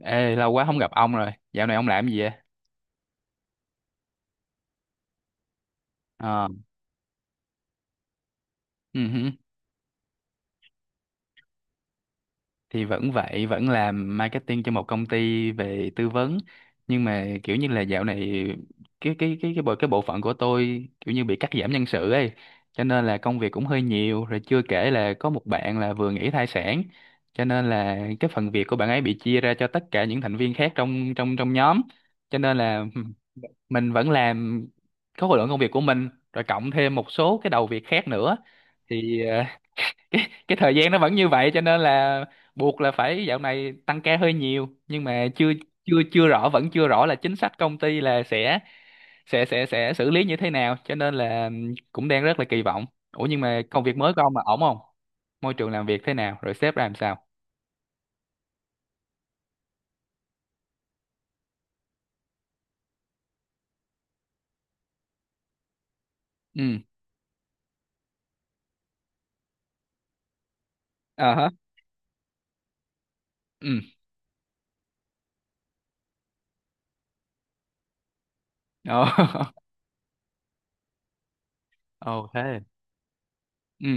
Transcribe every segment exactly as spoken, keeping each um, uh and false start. Ê, lâu quá không gặp ông rồi. Dạo này ông làm gì vậy? Ờ. Ừ. hử. Thì vẫn vậy, vẫn làm marketing cho một công ty về tư vấn, nhưng mà kiểu như là dạo này cái cái cái cái bộ cái bộ phận của tôi kiểu như bị cắt giảm nhân sự ấy, cho nên là công việc cũng hơi nhiều, rồi chưa kể là có một bạn là vừa nghỉ thai sản, cho nên là cái phần việc của bạn ấy bị chia ra cho tất cả những thành viên khác trong trong trong nhóm, cho nên là mình vẫn làm, có khối lượng công việc của mình rồi cộng thêm một số cái đầu việc khác nữa. Thì ờ, cái cái thời gian nó vẫn như vậy, cho nên là buộc là phải dạo này tăng ca hơi nhiều, nhưng mà chưa chưa chưa rõ vẫn chưa rõ là chính sách công ty là sẽ sẽ sẽ sẽ xử lý như thế nào, cho nên là cũng đang rất là kỳ vọng. Ủa, nhưng mà công việc mới của ông là ổn không, môi trường làm việc thế nào, rồi sếp ra làm sao? Ừ. Ờ hả. Ừ. Ồ. Ồ thế. Ừ.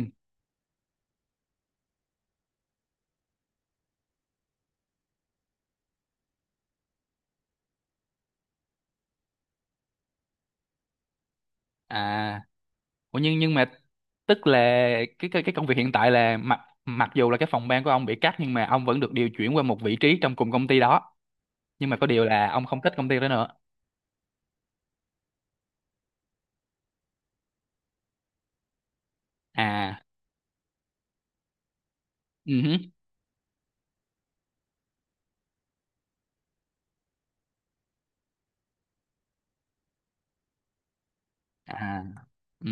À. Ủa, nhưng nhưng mà tức là cái cái cái công việc hiện tại là mặc mặc dù là cái phòng ban của ông bị cắt, nhưng mà ông vẫn được điều chuyển qua một vị trí trong cùng công ty đó, nhưng mà có điều là ông không thích công ty đó nữa. À. Ừ hứ. À. Ừ.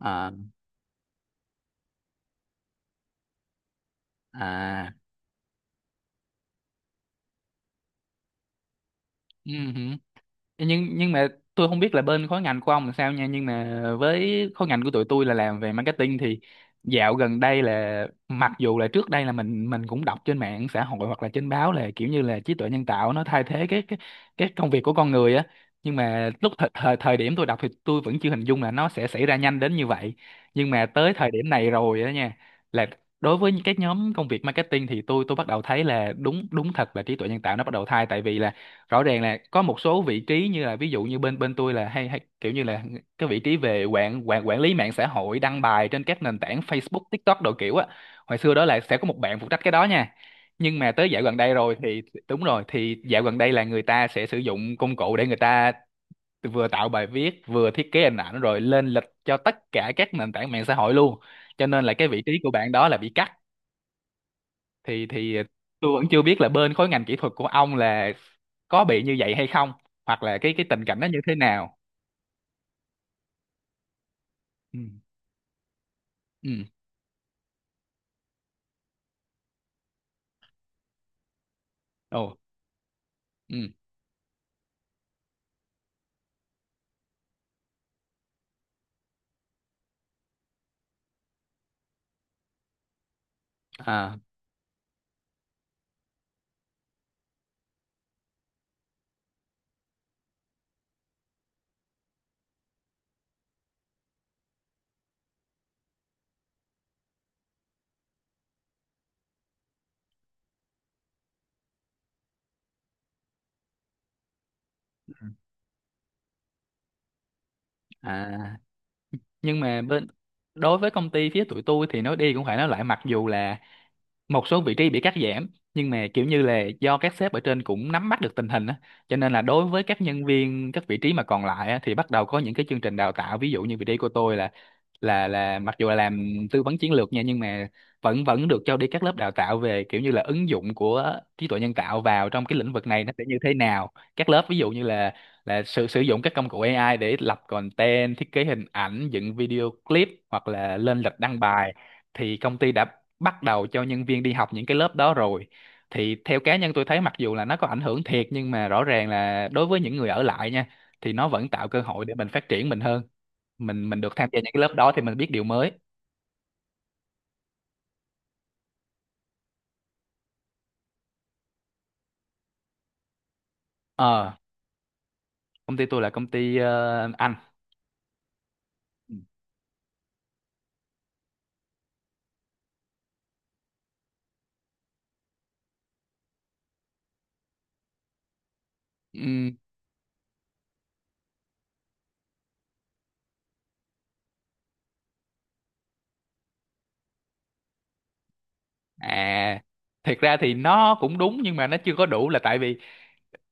À. À. Ừ hứ. nhưng nhưng mà tôi không biết là bên khối ngành của ông là sao nha, nhưng mà với khối ngành của tụi tôi là làm về marketing thì dạo gần đây là, mặc dù là trước đây là mình mình cũng đọc trên mạng xã hội hoặc là trên báo là kiểu như là trí tuệ nhân tạo nó thay thế cái cái cái công việc của con người á, nhưng mà lúc thời, thời thời điểm tôi đọc thì tôi vẫn chưa hình dung là nó sẽ xảy ra nhanh đến như vậy. Nhưng mà tới thời điểm này rồi á nha, là đối với những cái nhóm công việc marketing thì tôi tôi bắt đầu thấy là đúng, đúng thật là trí tuệ nhân tạo nó bắt đầu thay, tại vì là rõ ràng là có một số vị trí như là, ví dụ như bên bên tôi là hay hay kiểu như là cái vị trí về quản quản quản lý mạng xã hội, đăng bài trên các nền tảng Facebook, TikTok đồ kiểu á. Hồi xưa đó là sẽ có một bạn phụ trách cái đó nha. Nhưng mà tới dạo gần đây rồi thì, đúng rồi, thì dạo gần đây là người ta sẽ sử dụng công cụ để người ta vừa tạo bài viết, vừa thiết kế hình ảnh rồi lên lịch cho tất cả các nền tảng mạng xã hội luôn. Cho nên là cái vị trí của bạn đó là bị cắt. thì thì tôi vẫn chưa biết là bên khối ngành kỹ thuật của ông là có bị như vậy hay không, hoặc là cái cái tình cảnh nó như thế nào. Ừ. Ừ. Ồ. Ừ. À. À. Nhưng mà bên, đối với công ty phía tụi tôi thì nói đi cũng phải nói lại, mặc dù là một số vị trí bị cắt giảm, nhưng mà kiểu như là do các sếp ở trên cũng nắm bắt được tình hình á, cho nên là đối với các nhân viên các vị trí mà còn lại á, thì bắt đầu có những cái chương trình đào tạo. Ví dụ như vị trí của tôi là, là là mặc dù là làm tư vấn chiến lược nha, nhưng mà vẫn vẫn được cho đi các lớp đào tạo về kiểu như là ứng dụng của trí tuệ nhân tạo vào trong cái lĩnh vực này nó sẽ như thế nào. Các lớp ví dụ như là là sử sử dụng các công cụ a i để lập content, thiết kế hình ảnh, dựng video clip, hoặc là lên lịch đăng bài. Thì công ty đã bắt đầu cho nhân viên đi học những cái lớp đó rồi. Thì theo cá nhân tôi thấy, mặc dù là nó có ảnh hưởng thiệt, nhưng mà rõ ràng là đối với những người ở lại nha, thì nó vẫn tạo cơ hội để mình phát triển mình hơn, mình mình được tham gia những cái lớp đó thì mình biết điều mới. Ờ, công ty tôi là công ty ờ, Anh. Ừm. À, thiệt ra thì nó cũng đúng, nhưng mà nó chưa có đủ, là tại vì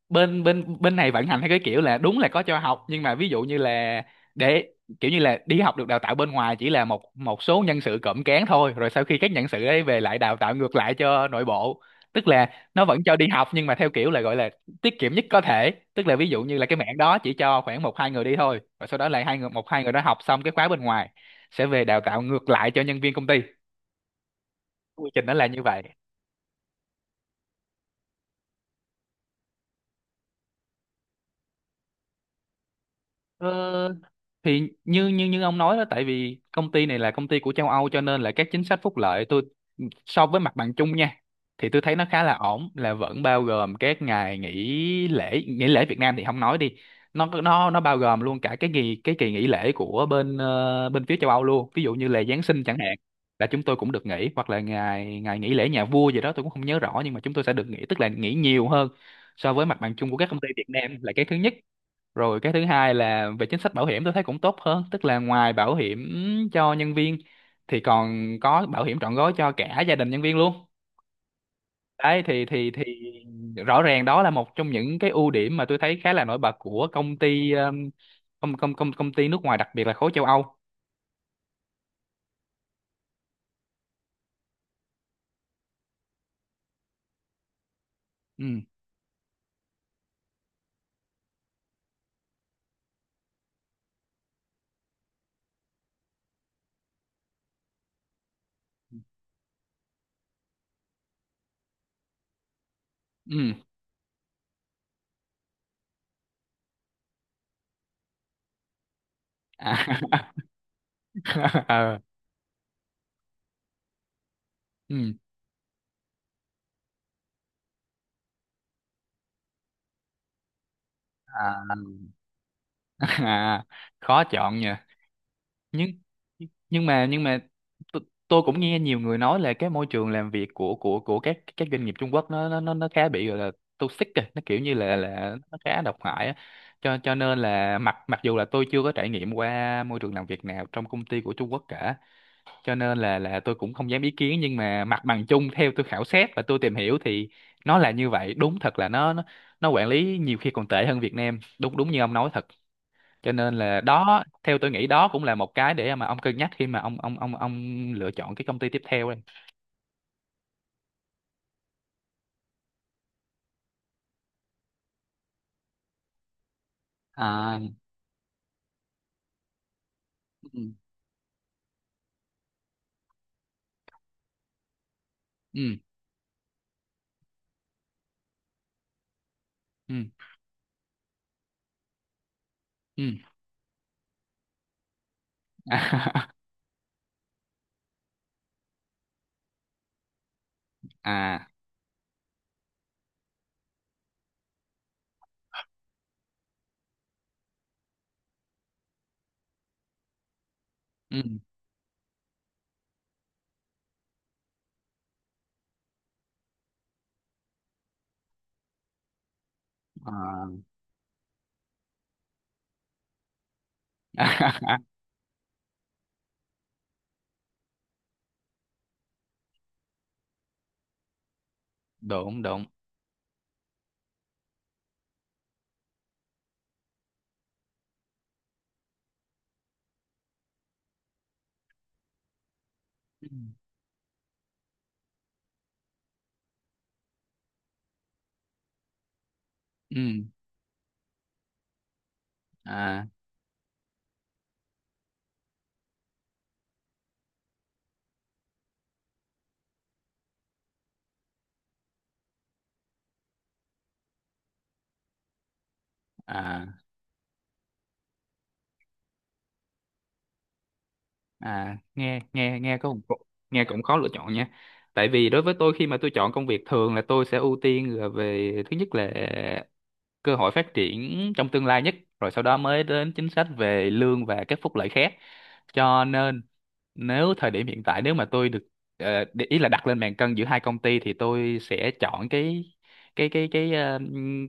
bên bên bên này vận hành theo cái kiểu là đúng là có cho học, nhưng mà ví dụ như là để kiểu như là đi học được đào tạo bên ngoài chỉ là một một số nhân sự cộm cán thôi, rồi sau khi các nhân sự ấy về lại đào tạo ngược lại cho nội bộ. Tức là nó vẫn cho đi học, nhưng mà theo kiểu là gọi là tiết kiệm nhất có thể. Tức là ví dụ như là cái mảng đó chỉ cho khoảng một hai người đi thôi, và sau đó lại hai người, một hai người đó học xong cái khóa bên ngoài sẽ về đào tạo ngược lại cho nhân viên công ty. Quy trình nó là như vậy. Ờ, thì như như như ông nói đó, tại vì công ty này là công ty của châu Âu cho nên là các chính sách phúc lợi, tôi so với mặt bằng chung nha, thì tôi thấy nó khá là ổn, là vẫn bao gồm các ngày nghỉ lễ, nghỉ lễ Việt Nam thì không nói đi, nó nó nó bao gồm luôn cả cái kỳ cái kỳ nghỉ lễ của bên ờ, bên phía châu Âu luôn, ví dụ như là Giáng sinh chẳng hạn, là chúng tôi cũng được nghỉ, hoặc là ngày ngày nghỉ lễ nhà vua gì đó tôi cũng không nhớ rõ, nhưng mà chúng tôi sẽ được nghỉ, tức là nghỉ nhiều hơn so với mặt bằng chung của các công ty Việt Nam, là cái thứ nhất. Rồi cái thứ hai là về chính sách bảo hiểm tôi thấy cũng tốt hơn, tức là ngoài bảo hiểm cho nhân viên thì còn có bảo hiểm trọn gói cho cả gia đình nhân viên luôn. Đấy, thì thì thì rõ ràng đó là một trong những cái ưu điểm mà tôi thấy khá là nổi bật của công ty um, công công công công ty nước ngoài, đặc biệt là khối châu Âu. Ừ. Ừ. À. Ờ. Ừ. À. À, khó chọn nhỉ. nhưng nhưng mà nhưng mà t- tôi cũng nghe nhiều người nói là cái môi trường làm việc của của của các các doanh nghiệp Trung Quốc nó nó nó nó khá bị gọi là toxic kìa, nó kiểu như là là nó khá độc hại á, cho cho nên là mặc mặc dù là tôi chưa có trải nghiệm qua môi trường làm việc nào trong công ty của Trung Quốc cả, cho nên là là tôi cũng không dám ý kiến. Nhưng mà mặt bằng chung theo tôi khảo sát và tôi tìm hiểu thì nó là như vậy, đúng thật là nó nó nó quản lý nhiều khi còn tệ hơn Việt Nam, đúng đúng như ông nói thật. Cho nên là đó, theo tôi nghĩ đó cũng là một cái để mà ông cân nhắc khi mà ông ông ông ông lựa chọn cái công ty tiếp theo đây. À. Ừ. Ừ. Ừ. Ừ. À. Ừ. À. Đúng đúng. Ừ. Ừ. À. à à nghe nghe nghe có nghe cũng khó lựa chọn nha tại vì đối với tôi khi mà tôi chọn công việc thường là tôi sẽ ưu tiên là về thứ nhất là cơ hội phát triển trong tương lai nhất rồi sau đó mới đến chính sách về lương và các phúc lợi khác cho nên nếu thời điểm hiện tại nếu mà tôi được ờ, để ý là đặt lên bàn cân giữa hai công ty thì tôi sẽ chọn cái cái cái cái ờ,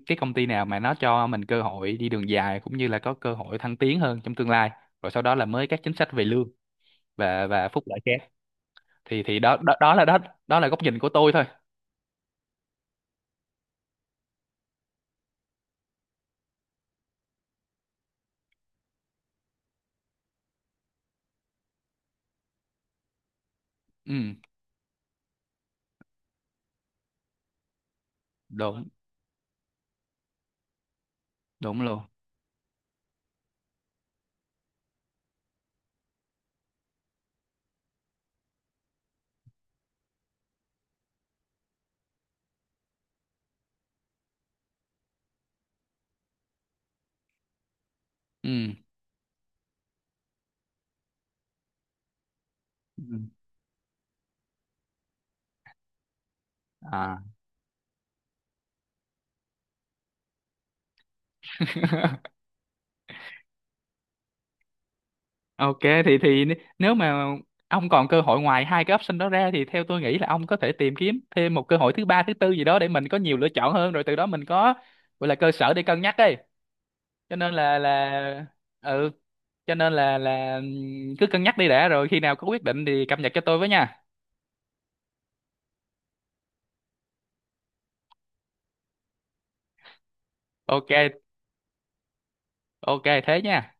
cái công ty nào mà nó cho mình cơ hội đi đường dài cũng như là có cơ hội thăng tiến hơn trong tương lai rồi sau đó là mới các chính sách về lương và và phúc lợi khác thì thì đó đó đó là đó đó là góc nhìn của tôi thôi ừ đúng đúng luôn ừ ừ. à Ok. Thì thì n- nếu mà ông còn cơ hội ngoài hai cái option đó ra thì theo tôi nghĩ là ông có thể tìm kiếm thêm một cơ hội thứ ba thứ tư gì đó để mình có nhiều lựa chọn hơn, rồi từ đó mình có, gọi là cơ sở để cân nhắc ấy. Cho nên là là Ừ. Cho nên là là ừm, cứ cân nhắc đi đã, rồi khi nào có quyết định thì cập nhật cho tôi với nha. Ok, ok thế nha.